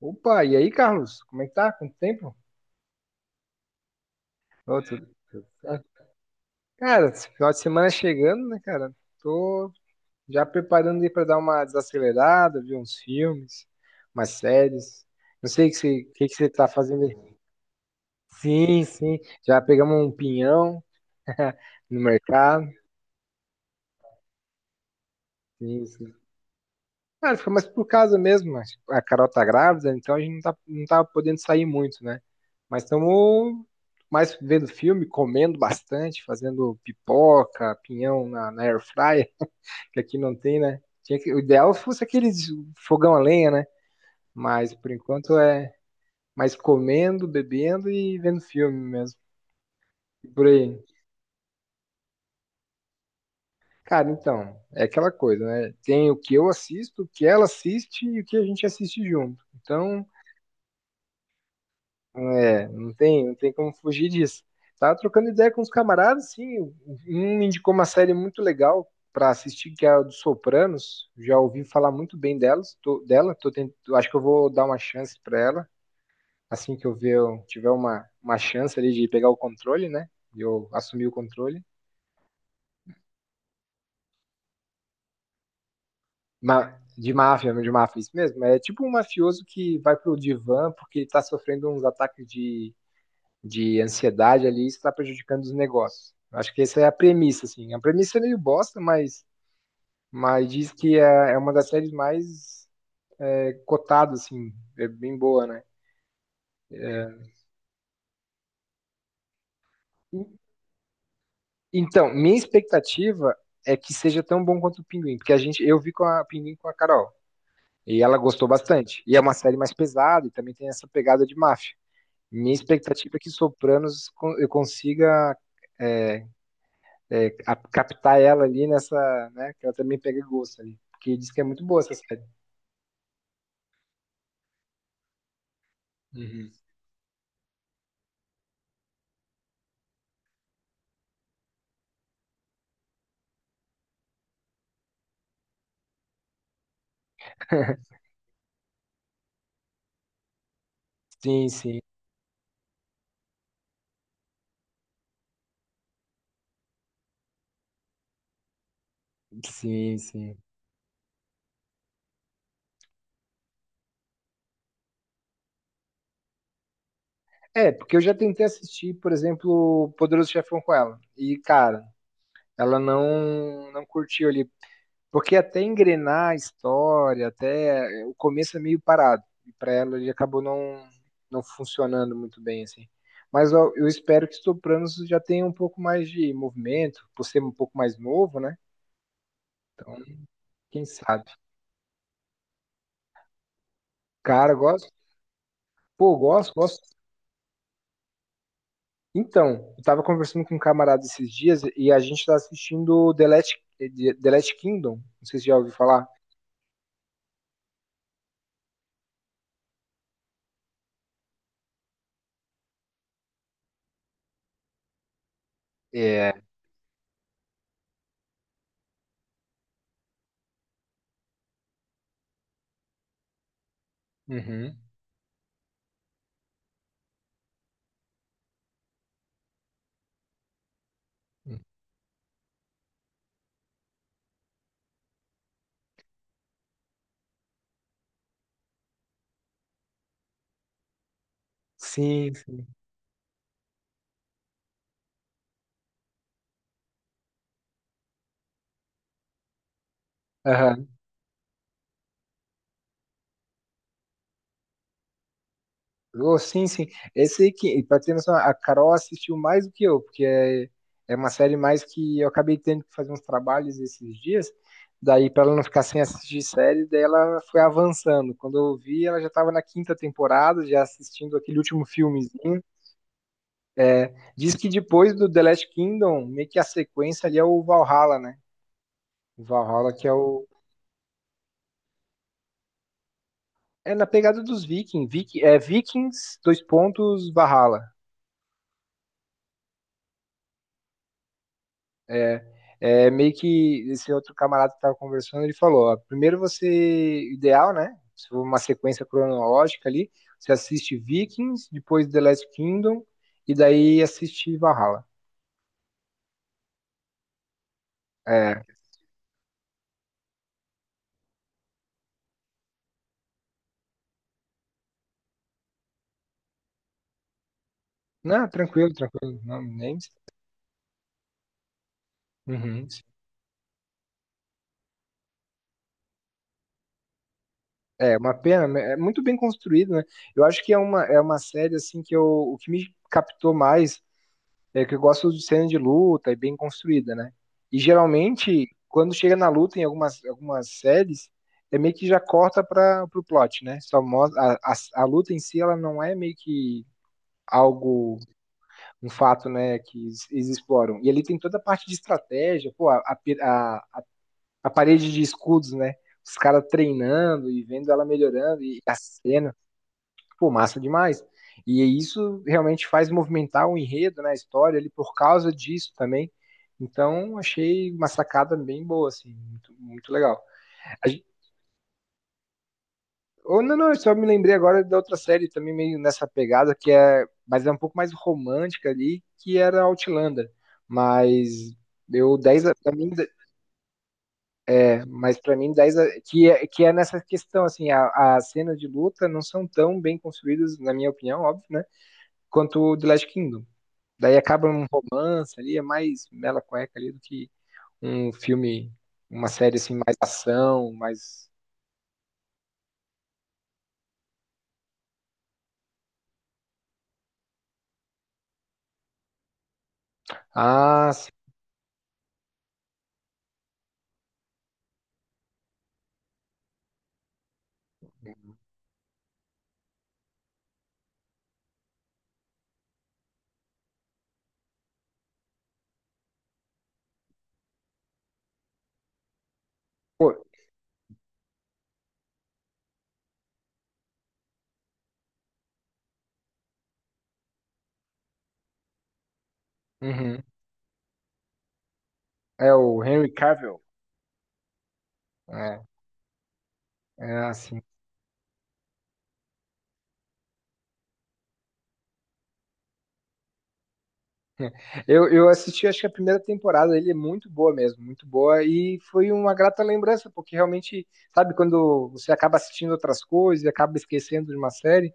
Opa, e aí, Carlos? Como é que tá? Quanto tempo? Ô, tudo certo. Cara, esse final de semana chegando, né, cara? Tô já preparando aí pra dar uma desacelerada, ver uns filmes, umas séries. Não sei o que você, o que você tá fazendo aí. Sim, sim. Já pegamos um pinhão no mercado. Sim, sim. Cara, fica mais por casa mesmo, mas a Carol tá grávida, então a gente não tá podendo sair muito, né? Mas estamos mais vendo filme, comendo bastante, fazendo pipoca, pinhão na air fryer, que aqui não tem, né? Tinha que, o ideal fosse aqueles fogão a lenha, né? Mas por enquanto é mais comendo, bebendo e vendo filme mesmo. E por aí. Cara, então, é aquela coisa, né? Tem o que eu assisto, o que ela assiste e o que a gente assiste junto. Então, é, não tem como fugir disso. Tava trocando ideia com os camaradas, sim. Um me indicou uma série muito legal para assistir, que é a dos Sopranos. Já ouvi falar muito bem dela. Acho que eu vou dar uma chance para ela. Assim que eu ver, eu tiver uma chance ali de pegar o controle, né? De eu assumir o controle. De máfia, isso mesmo. É tipo um mafioso que vai pro divã porque tá sofrendo uns ataques de ansiedade ali, isso está prejudicando os negócios. Acho que essa é a premissa, assim. A premissa é meio bosta, mas diz que é uma das séries mais, é, cotadas, assim, é bem boa, né? É, então, minha expectativa é que seja tão bom quanto o Pinguim, porque a gente, eu vi com a Pinguim com a Carol e ela gostou bastante. E é uma série mais pesada e também tem essa pegada de máfia. Minha expectativa é que eu consiga, é, captar ela ali nessa, né? Que ela também pega gosto ali. Porque diz que é muito boa essa série. Uhum. Sim, sim, sim, sim. É, porque eu já tentei assistir, por exemplo, Poderoso Chefão com ela. E, cara, ela não curtiu ali. Porque até engrenar a história, até o começo é meio parado. E pra ela ele acabou não funcionando muito bem, assim. Mas eu espero que Sopranos já tenha um pouco mais de movimento, por ser um pouco mais novo, né? Então, quem sabe? Cara, eu gosto. Pô, eu gosto, gosto. Então, eu tava conversando com um camarada esses dias e a gente tá assistindo The Last Kingdom. Não sei se já ouviu falar. É. Uhum. Sim, sim. Oh, sim, sim. Esse aí que, pra ter noção, a Carol assistiu mais do que eu, porque é, é uma série mais que eu acabei tendo que fazer uns trabalhos esses dias. Daí, pra ela não ficar sem assistir série, daí ela foi avançando. Quando eu vi, ela já estava na quinta temporada, já assistindo aquele último filmezinho. Diz que depois do The Last Kingdom, meio que a sequência ali é o Valhalla, né? O Valhalla que é o. É na pegada dos Vikings. Vikings, dois pontos, Valhalla. É, é meio que esse outro camarada que tava conversando, ele falou, ó, primeiro você, ideal, né? Se for uma sequência cronológica ali, você assiste Vikings, depois The Last Kingdom, e daí assiste Valhalla. É, não, tranquilo, tranquilo, não, nem... Uhum. É, uma pena, né, é muito bem construído, né? Eu acho que é é uma série, assim, o que me captou mais, é que eu gosto de cena de luta e bem construída, né? E geralmente, quando chega na luta em algumas séries, é meio que já corta para o plot, né? Só mostra, a luta em si, ela não é meio que algo, um fato, né, que eles exploram. E ali tem toda a parte de estratégia, pô, a- a parede de escudos, né? Os caras treinando e vendo ela melhorando e a cena, pô, massa demais. E isso realmente faz movimentar o enredo, né, a história ali por causa disso também. Então, achei uma sacada bem boa, assim, muito, muito legal. A gen- ou não, não, eu só me lembrei agora da outra série também meio nessa pegada, que é, mas é um pouco mais romântica ali, que era Outlander. Mas pra mim, é, mas para mim dez a- que é nessa questão assim, a- as cenas de luta não são tão bem construídas, na minha opinião, óbvio, né? Quanto o The Last Kingdom. Daí acaba um romance ali, é mais mela cueca ali do que um filme, uma série assim, mais ação, mais. Ah, sim. Uhum. É o Henry Cavill. É, é assim. Eu assisti, acho que a primeira temporada, ele é muito boa mesmo, muito boa, e foi uma grata lembrança, porque realmente, sabe, quando você acaba assistindo outras coisas, acaba esquecendo de uma série.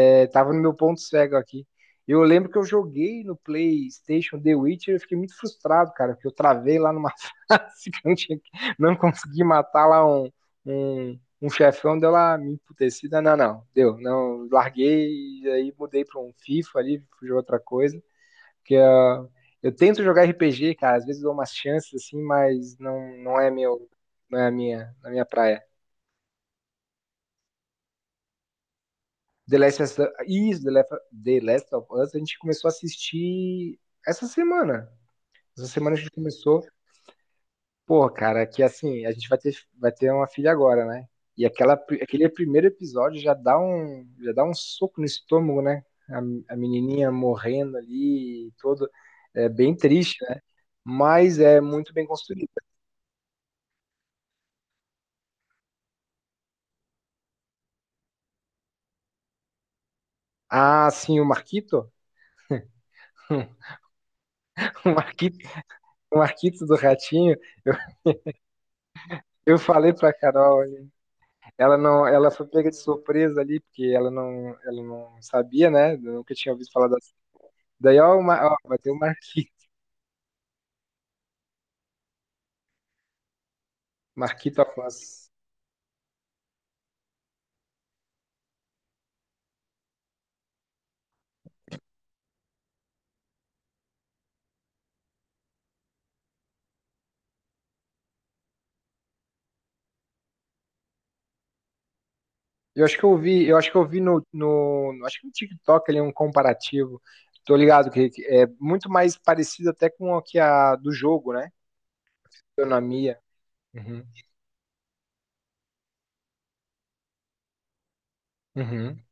É, tava no meu ponto cego aqui. Eu lembro que eu joguei no PlayStation The Witcher e eu fiquei muito frustrado, cara, porque eu travei lá numa fase que eu não consegui matar lá um chefão, deu lá me emputecida. Não, não, deu. Não, larguei e aí mudei pra um FIFA ali, fui jogar outra coisa. Porque eu tento jogar RPG, cara, às vezes dou umas chances assim, mas não, não é meu, não é a minha praia. The Last of Us, a gente começou a assistir essa semana. Essa semana a gente começou. Pô, cara, que assim, a gente vai ter uma filha agora, né? E aquela, aquele primeiro episódio já já dá um soco no estômago, né? A menininha morrendo ali, todo. É bem triste, né? Mas é muito bem construída. Ah, sim, o Marquito. O Marquito, o Marquito do Ratinho. Eu, eu falei pra Carol. Ela não, ela foi pega de surpresa ali, porque ela não sabia, né? Nunca tinha ouvido falar da. Daí, ó, vai ter o Marquito, Marquito Afonso. Eu acho que eu vi, eu acho que eu vi acho que no TikTok ali um comparativo. Tô ligado que é muito mais parecido até com o que a do jogo, né? Economia. Uhum, uhum,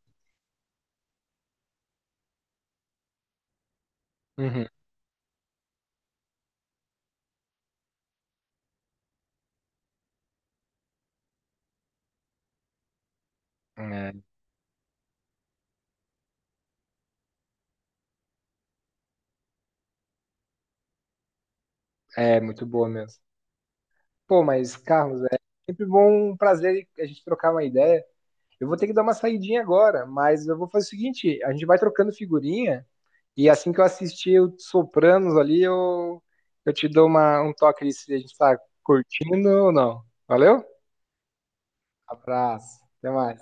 uhum. É, é muito boa mesmo. Pô, mas Carlos, é sempre bom, um prazer a gente trocar uma ideia. Eu vou ter que dar uma saidinha agora, mas eu vou fazer o seguinte: a gente vai trocando figurinha e assim que eu assistir o Sopranos ali, eu te dou um toque ali se a gente tá curtindo ou não. Valeu? Abraço, até mais.